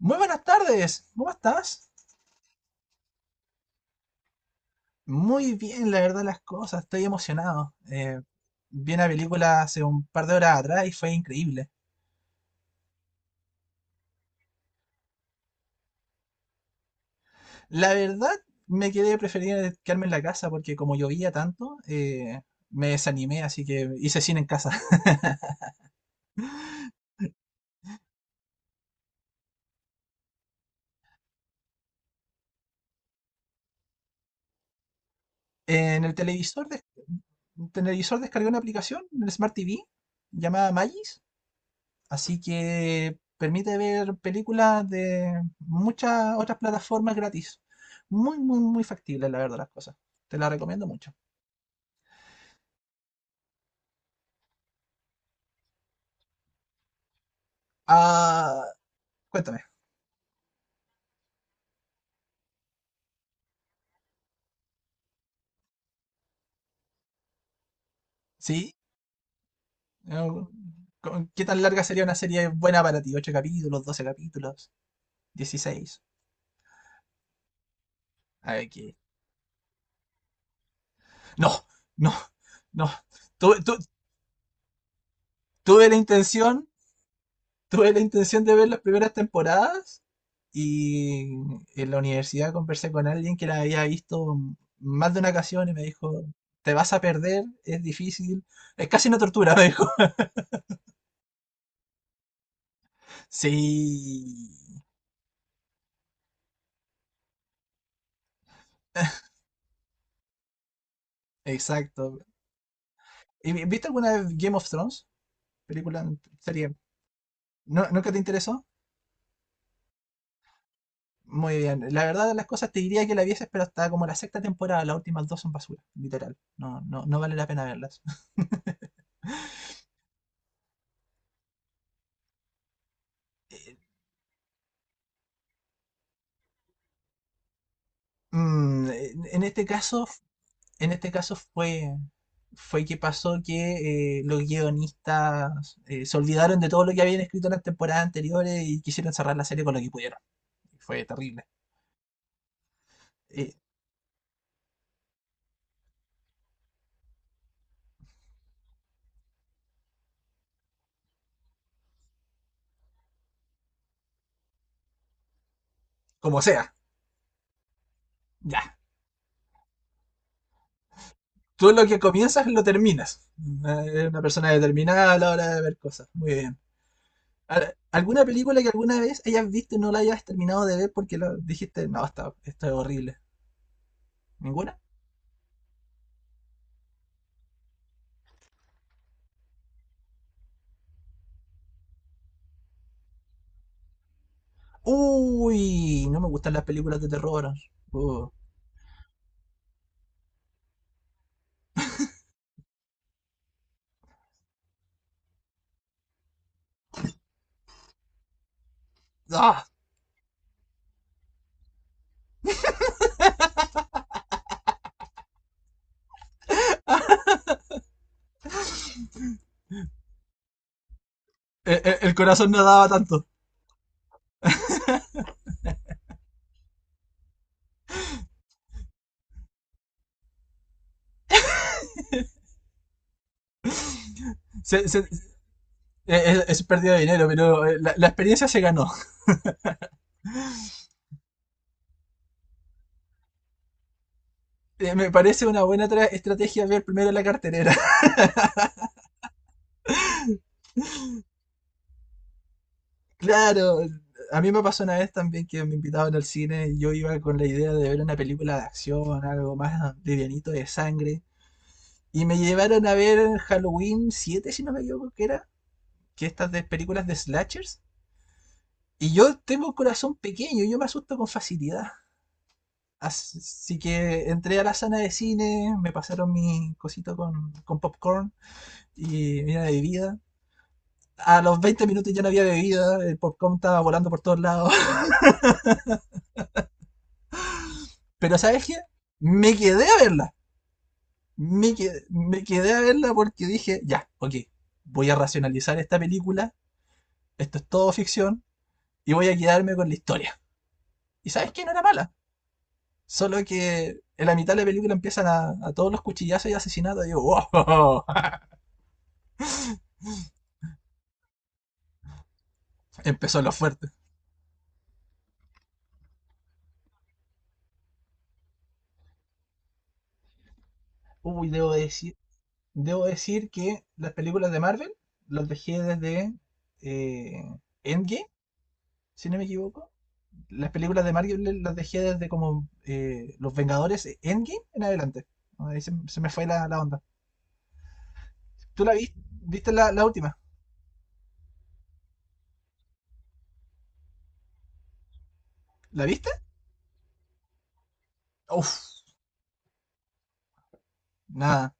Muy buenas tardes, ¿cómo estás? Muy bien, la verdad, las cosas, estoy emocionado. Vi una película hace un par de horas atrás y fue increíble. La verdad, me quedé preferir quedarme en la casa porque como llovía tanto, me desanimé, así que hice cine en casa. En el televisor, en el televisor descargué una aplicación, en el Smart TV, llamada Magis, así que permite ver películas de muchas otras plataformas gratis. Muy, muy, muy factible, la verdad, las cosas. Te la recomiendo mucho. Ah, cuéntame, ¿sí? Eh, Qué tan larga sería una serie buena para ti? 8 capítulos, 12 capítulos, 16. A ver, ¿qué? No, no, no. Tuve, tu- tuve la intención, tuve la intención de ver las primeras temporadas y en la universidad conversé con alguien que la había visto más de una ocasión y me dijo, te vas a perder, es difícil, es casi una tortura, me dijo. Sí, exacto. ¿Y viste alguna vez Game of Thrones? Película, serie. ¿No, ¿nunca te interesó? Muy bien. La verdad de las cosas te diría que la vieses, pero hasta como la sexta temporada, las últimas dos son basura, literal. No, no, no vale la pena verlas. Mm, en este caso en este caso fue, fue que pasó que los guionistas se olvidaron de todo lo que habían escrito en las temporadas anteriores y quisieron cerrar la serie con lo que pudieron. Fue terrible. Eh, Como sea, ya. Tú lo que comienzas lo terminas. Eres una persona determinada a la hora de ver cosas. Muy bien. Ahora, ¿alguna película que alguna vez hayas visto y no la hayas terminado de ver porque lo dijiste, no, está, está horrible? ¿Ninguna? Uy, no me gustan las películas de terror. Uh. ¡Ah! El corazón no daba tanto. Se- se- es pérdida de dinero, pero la, la experiencia se ganó. Me parece una buena estrategia ver primero la carterera. Claro, a mí me pasó una vez también que me invitaban al cine y yo iba con la idea de ver una película de acción, algo más livianito de sangre. Y me llevaron a ver Halloween 7, si no me equivoco, que era, que estas de películas de slashers. Y yo tengo un corazón pequeño, yo me asusto con facilidad. Así sí que entré a la sala de cine, me pasaron mi cosito con popcorn y mira bebida. A los 20 minutos ya no había bebida, el popcorn estaba volando por todos lados. Pero ¿sabes qué? Me quedé a verla. Me quedé a verla porque dije, ya, ok, voy a racionalizar esta película, esto es todo ficción y voy a quedarme con la historia. Y ¿sabes qué? No era mala. Solo que en la mitad de la película empiezan a todos los cuchillazos y asesinatos. Y digo, wow, empezó lo fuerte. Uy, debo decir que las películas de Marvel las dejé desde eh, Endgame, si no me equivoco. Las películas de Marvel las dejé desde como Los Vengadores Endgame en adelante. Ah, ahí se, se me fue la, la onda. ¿Tú la viste? ¿Viste la, la última? ¿La viste? Uf, nada,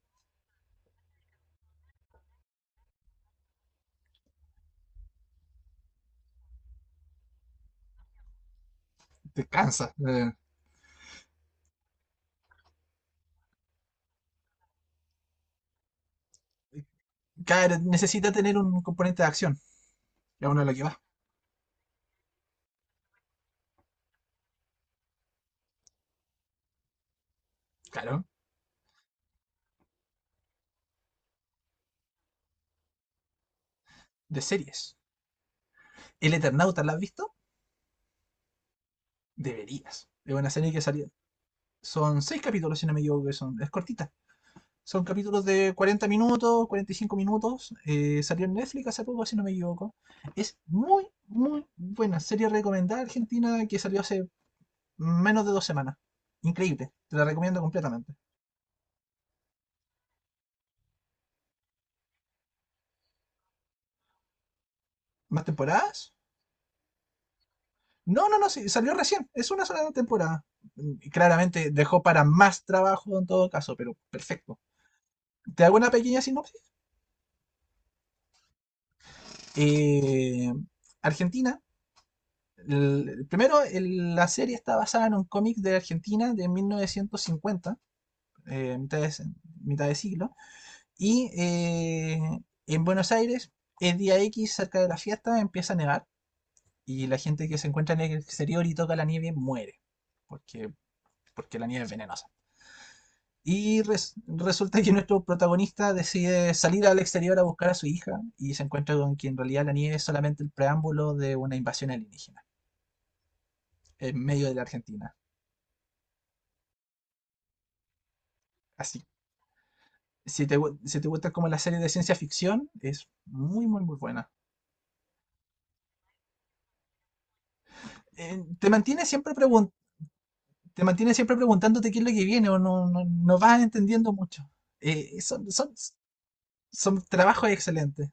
te cansa. Claro, necesita tener un componente de acción. Y a uno a lo que va. Claro, de series. ¿El Eternauta la has visto? Deberías. Es una serie que salió. Son seis capítulos, si no me equivoco, que son. Es cortita. Son capítulos de 40 minutos, 45 minutos. Salió en Netflix hace poco, si no me equivoco. Es muy, muy buena. Serie recomendada argentina que salió hace menos de 2 semanas. Increíble. Te la recomiendo completamente. ¿Más temporadas? No, no, no, sí, salió recién. Es una sola temporada. Y claramente dejó para más trabajo en todo caso, pero perfecto. Te hago una pequeña sinopsis. Eh, Argentina primero, la serie está basada en un cómic de Argentina de 1950, eh, mitad de, mitad de siglo, y en Buenos Aires, el día X, cerca de la fiesta, empieza a nevar y la gente que se encuentra en el exterior y toca la nieve muere, porque, porque la nieve es venenosa. Y resulta que nuestro protagonista decide salir al exterior a buscar a su hija y se encuentra con que en realidad la nieve es solamente el preámbulo de una invasión alienígena en medio de la Argentina. Así si te, si te gusta como la serie de ciencia ficción, es muy, muy, muy buena. Te mantiene siempre te mantiene siempre preguntándote qué es lo que viene o no, no, no vas entendiendo mucho. Eh, son, son, son trabajos excelentes.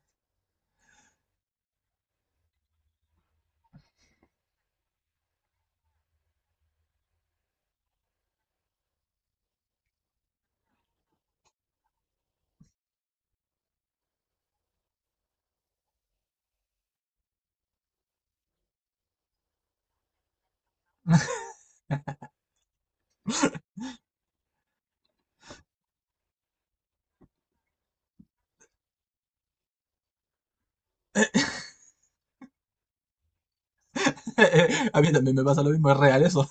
A mí también me pasa lo mismo, es real eso.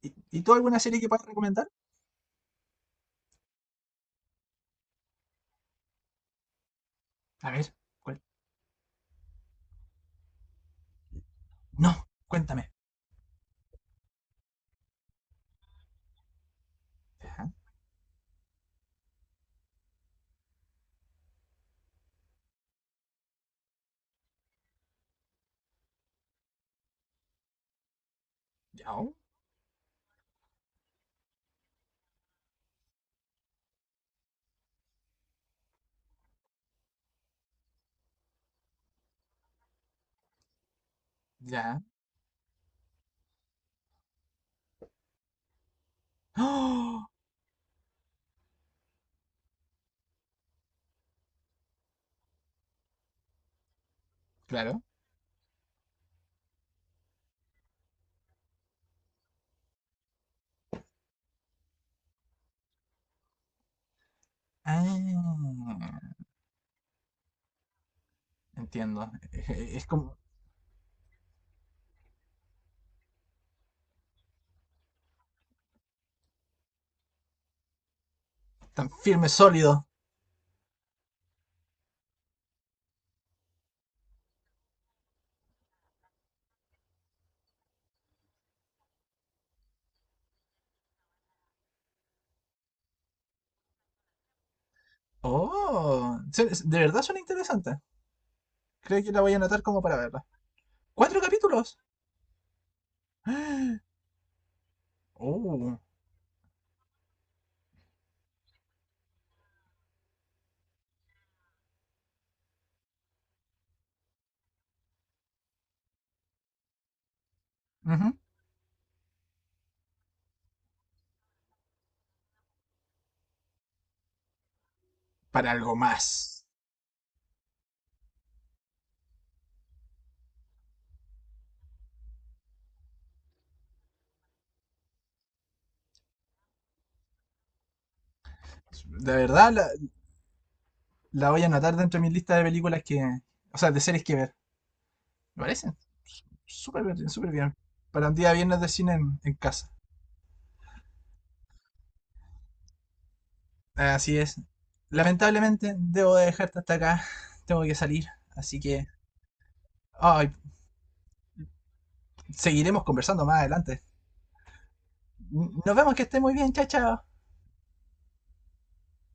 Y tú alguna serie que puedas recomendar? A ver, ¿cuál? No, cuéntame. Ya, ya, ya. ¡Oh! Claro. Ah, entiendo. Es como tan firme, sólido. Oh, se- de verdad son interesantes. Creo que la voy a anotar como para verla. ¿Cuatro capítulos? ¡Ah! Oh, ujú, para algo más. De verdad la, la voy a anotar dentro de mi lista de películas que... O sea, de series que ver. ¿Me parece? Súper bien, súper bien. Para un día viernes de cine en casa. Así es. Lamentablemente debo de dejarte hasta acá. Tengo que salir. Así que... ay, seguiremos conversando más adelante. Nos vemos, que esté muy bien. Chao, chao.